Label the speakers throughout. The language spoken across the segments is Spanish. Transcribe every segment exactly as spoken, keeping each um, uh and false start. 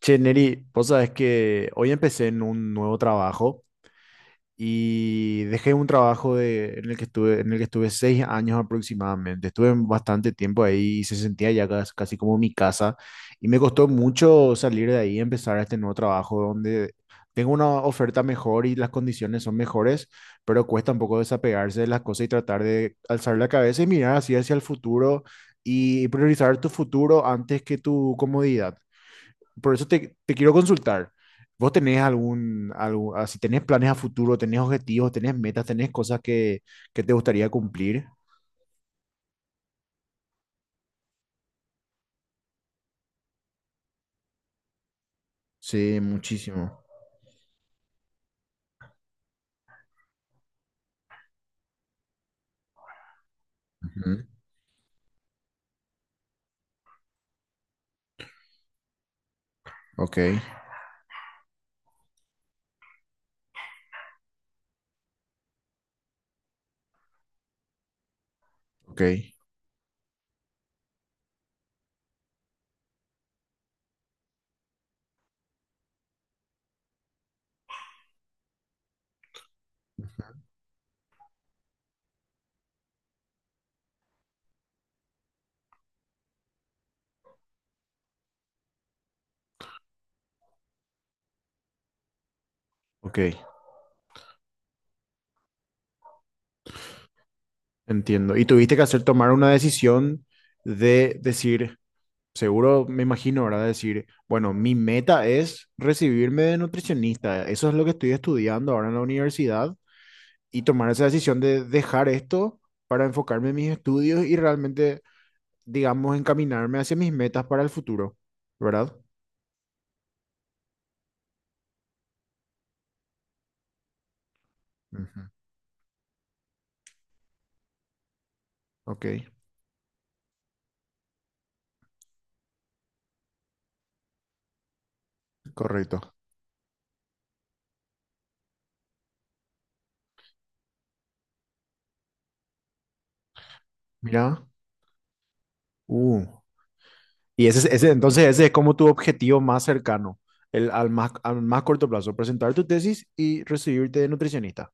Speaker 1: Che, Neri, vos sabés que hoy empecé en un nuevo trabajo y dejé un trabajo de, en el que estuve, en el que estuve seis años aproximadamente. Estuve bastante tiempo ahí y se sentía ya cas- casi, como mi casa. Y me costó mucho salir de ahí y empezar este nuevo trabajo donde tengo una oferta mejor y las condiciones son mejores, pero cuesta un poco desapegarse de las cosas y tratar de alzar la cabeza y mirar así hacia el futuro y priorizar tu futuro antes que tu comodidad. Por eso te, te quiero consultar. ¿Vos tenés algún, algún ah, si tenés planes a futuro, tenés objetivos, tenés metas, tenés cosas que, que te gustaría cumplir? Sí, muchísimo. Ujú, ok, ok, ok, entiendo. Y tuviste que hacer tomar una decisión de decir, seguro me imagino, ¿verdad? Decir, bueno, mi meta es recibirme de nutricionista, eso es lo que estoy estudiando ahora en la universidad, y tomar esa decisión de dejar esto para enfocarme en mis estudios y realmente digamos, encaminarme hacia mis metas para el futuro, ¿verdad? Ujú, ok, correcto. Mira, uh, y ese, es- ese, entonces ese es como tu objetivo más cercano, el, al más, al más corto plazo, presentar tu tesis y recibirte de nutricionista.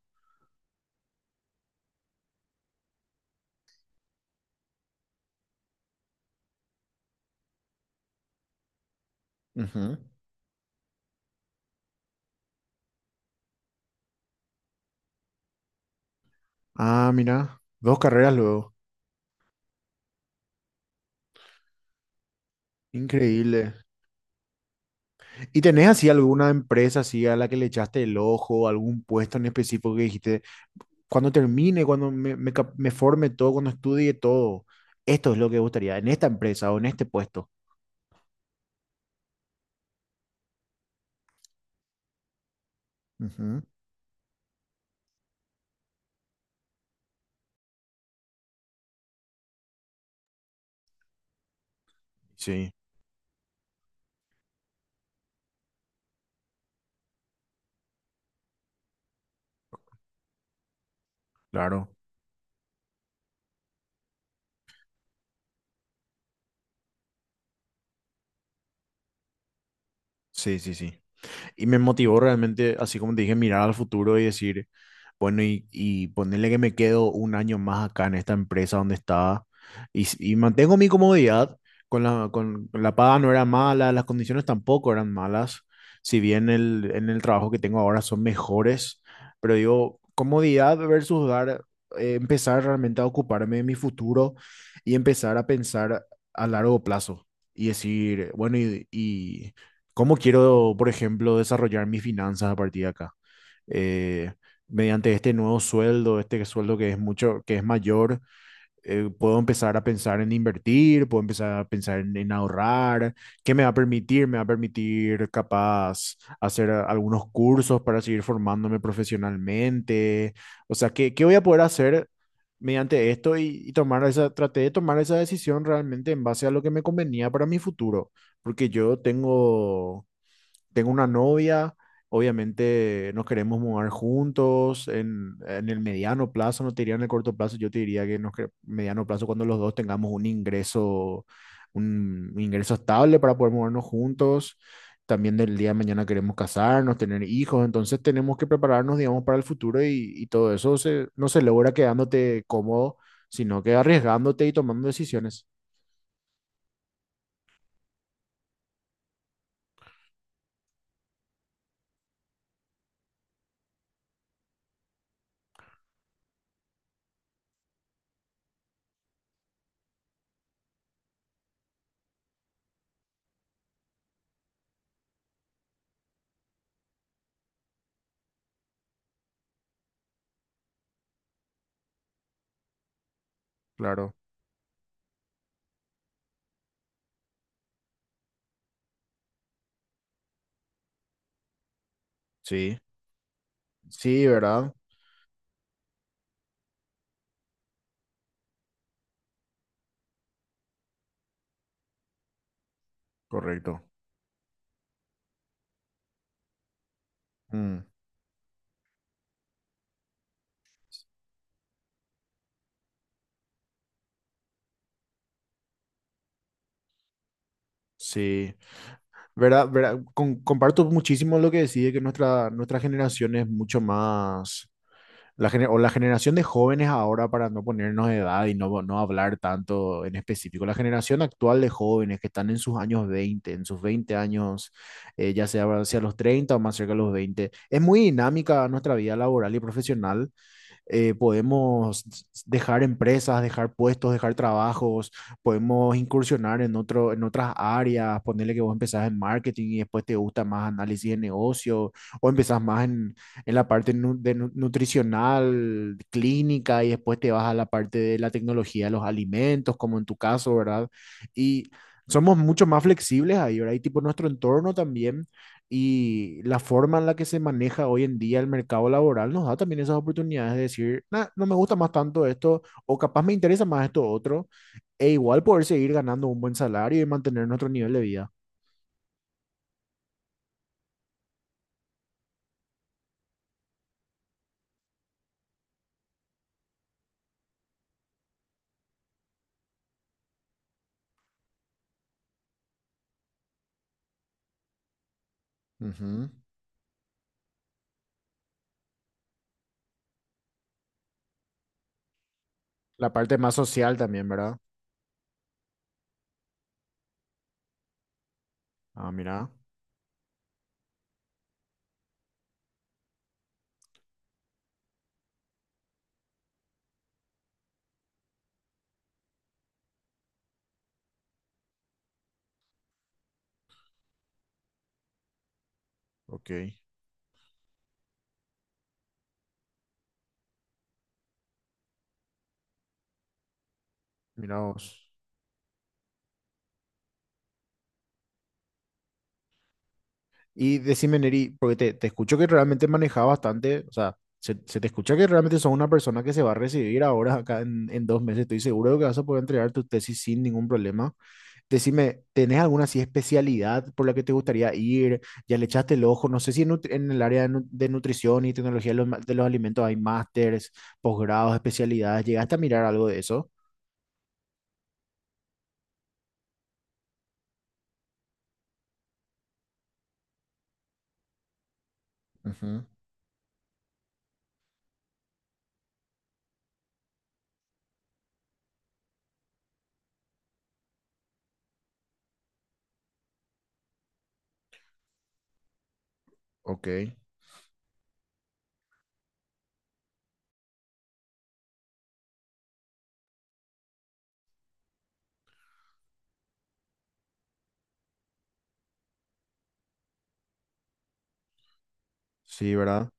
Speaker 1: Ujú. Ah, mira, dos carreras luego. Increíble. ¿Y tenés así alguna empresa así a la que le echaste el ojo, algún puesto en específico que dijiste, cuando termine, cuando me, me cap- me forme todo, cuando estudie todo, esto es lo que me gustaría en esta empresa o en este puesto. Ujú, sí, claro. Sí, sí, sí. Y me motivó realmente, así como te dije, mirar al futuro y decir, bueno, y, y ponerle que me quedo un año más acá en esta empresa donde estaba y, s- y mantengo mi comodidad, con la, con la paga no era mala, las condiciones tampoco eran malas, si bien el, en el trabajo que tengo ahora son mejores, pero digo, comodidad versus dar, eh, empezar realmente a ocuparme de mi futuro y empezar a pensar a largo plazo y decir, bueno, y, y ¿cómo quiero, por ejemplo, desarrollar mis finanzas a partir de acá? Eh, Mediante este nuevo sueldo, este sueldo que es mucho, que es mayor, eh, puedo empezar a pensar en invertir, puedo empezar a pensar en, en ahorrar, ¿qué me va a permitir? Me va a permitir capaz hacer a- algunos cursos para seguir formándome profesionalmente, o sea, ¿qué, qué voy a poder hacer mediante esto y, y tomar esa, traté de tomar esa decisión realmente en base a lo que me convenía para mi futuro, porque yo tengo tengo una novia, obviamente nos queremos mudar juntos, en, en el mediano plazo, no te diría en el corto plazo, yo te diría que en el mediano plazo cuando los dos tengamos un ingreso, un ingreso estable para poder mudarnos juntos. También del día de mañana queremos casarnos, tener hijos, entonces tenemos que prepararnos, digamos, para el futuro y, y todo eso se, no se logra quedándote cómodo, sino que arriesgándote y tomando decisiones. Claro, sí, sí, ¿verdad? Correcto. Mm, sí. ¿Verdad? ¿Verdad? Con- comparto muchísimo lo que decís, de que nuestra, nuestra generación es mucho más, la gener- o la generación de jóvenes ahora, para no ponernos de edad y no, no hablar tanto en específico, la generación actual de jóvenes que están en sus años veinte en sus veinte años, eh, ya sea hacia los treinta o más cerca de los veinte es muy dinámica nuestra vida laboral y profesional, eh, podemos dejar empresas, dejar puestos, dejar trabajos, podemos incursionar en otro, en otras áreas, ponerle que vos empezás en marketing y después te gusta más análisis de negocio, o empezás más en, en la parte nu- de nu- nutricional, clínica, y después te vas a la parte de la tecnología de los alimentos, como en tu caso, ¿verdad? Y somos mucho más flexibles ahí, ¿verdad? Y tipo nuestro entorno también y la forma en la que se maneja hoy en día el mercado laboral nos da también esas oportunidades de decir, "Nah, no me gusta más tanto esto, o capaz me interesa más esto otro, e igual poder seguir ganando un buen salario y mantener nuestro nivel de vida". Ujú. La parte más social también, ¿verdad? Ah, mira, ok, mira vos. Y decime, Neri, porque te, te escucho que realmente manejas bastante, o sea, se, se te escucha que realmente sos una persona que se va a recibir ahora acá en, en dos meses. Estoy seguro de que vas a poder entregar tu tesis sin ningún problema. Decime, ¿tenés alguna así especialidad por la que te gustaría ir? ¿Ya le echaste el ojo? No sé si en, nut- en el área de, nu- de nutrición y tecnología de los, ma- de los alimentos hay másters, posgrados, especialidades. ¿Llegaste a mirar algo de eso? Ujú, ok, sí, ¿verdad?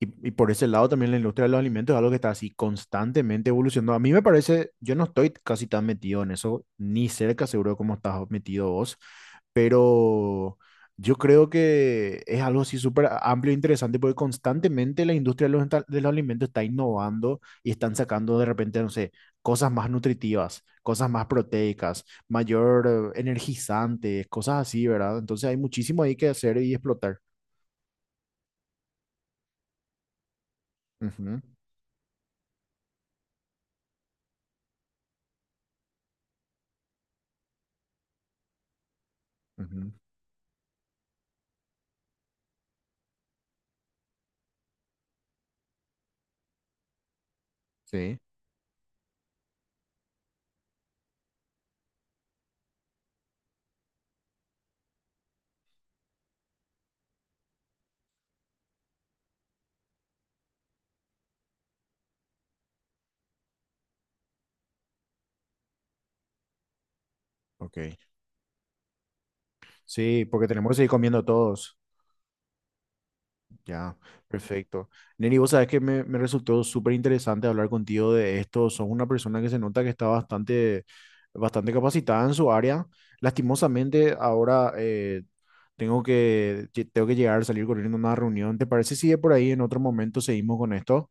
Speaker 1: Y, y por ese lado también la industria de los alimentos es algo que está así constantemente evolucionando. A mí me parece, yo no estoy casi tan metido en eso, ni cerca seguro como estás metido vos, pero yo creo que es algo así súper amplio e interesante porque constantemente la industria de los, enta- de los alimentos está innovando y están sacando de repente, no sé, cosas más nutritivas, cosas más proteicas, mayor eh, energizantes, cosas así, ¿verdad? Entonces hay muchísimo ahí que hacer y explotar. Ujú, ujú, sí, ok. Sí, porque tenemos que seguir comiendo todos. Ya, perfecto. Neri, vos sabés que me, me resultó súper interesante hablar contigo de esto. Sos una persona que se nota que está bastante, bastante capacitada en su área. Lastimosamente, ahora eh, tengo que, que- tengo que llegar a salir corriendo a una reunión. ¿Te parece si de por ahí en otro momento seguimos con esto?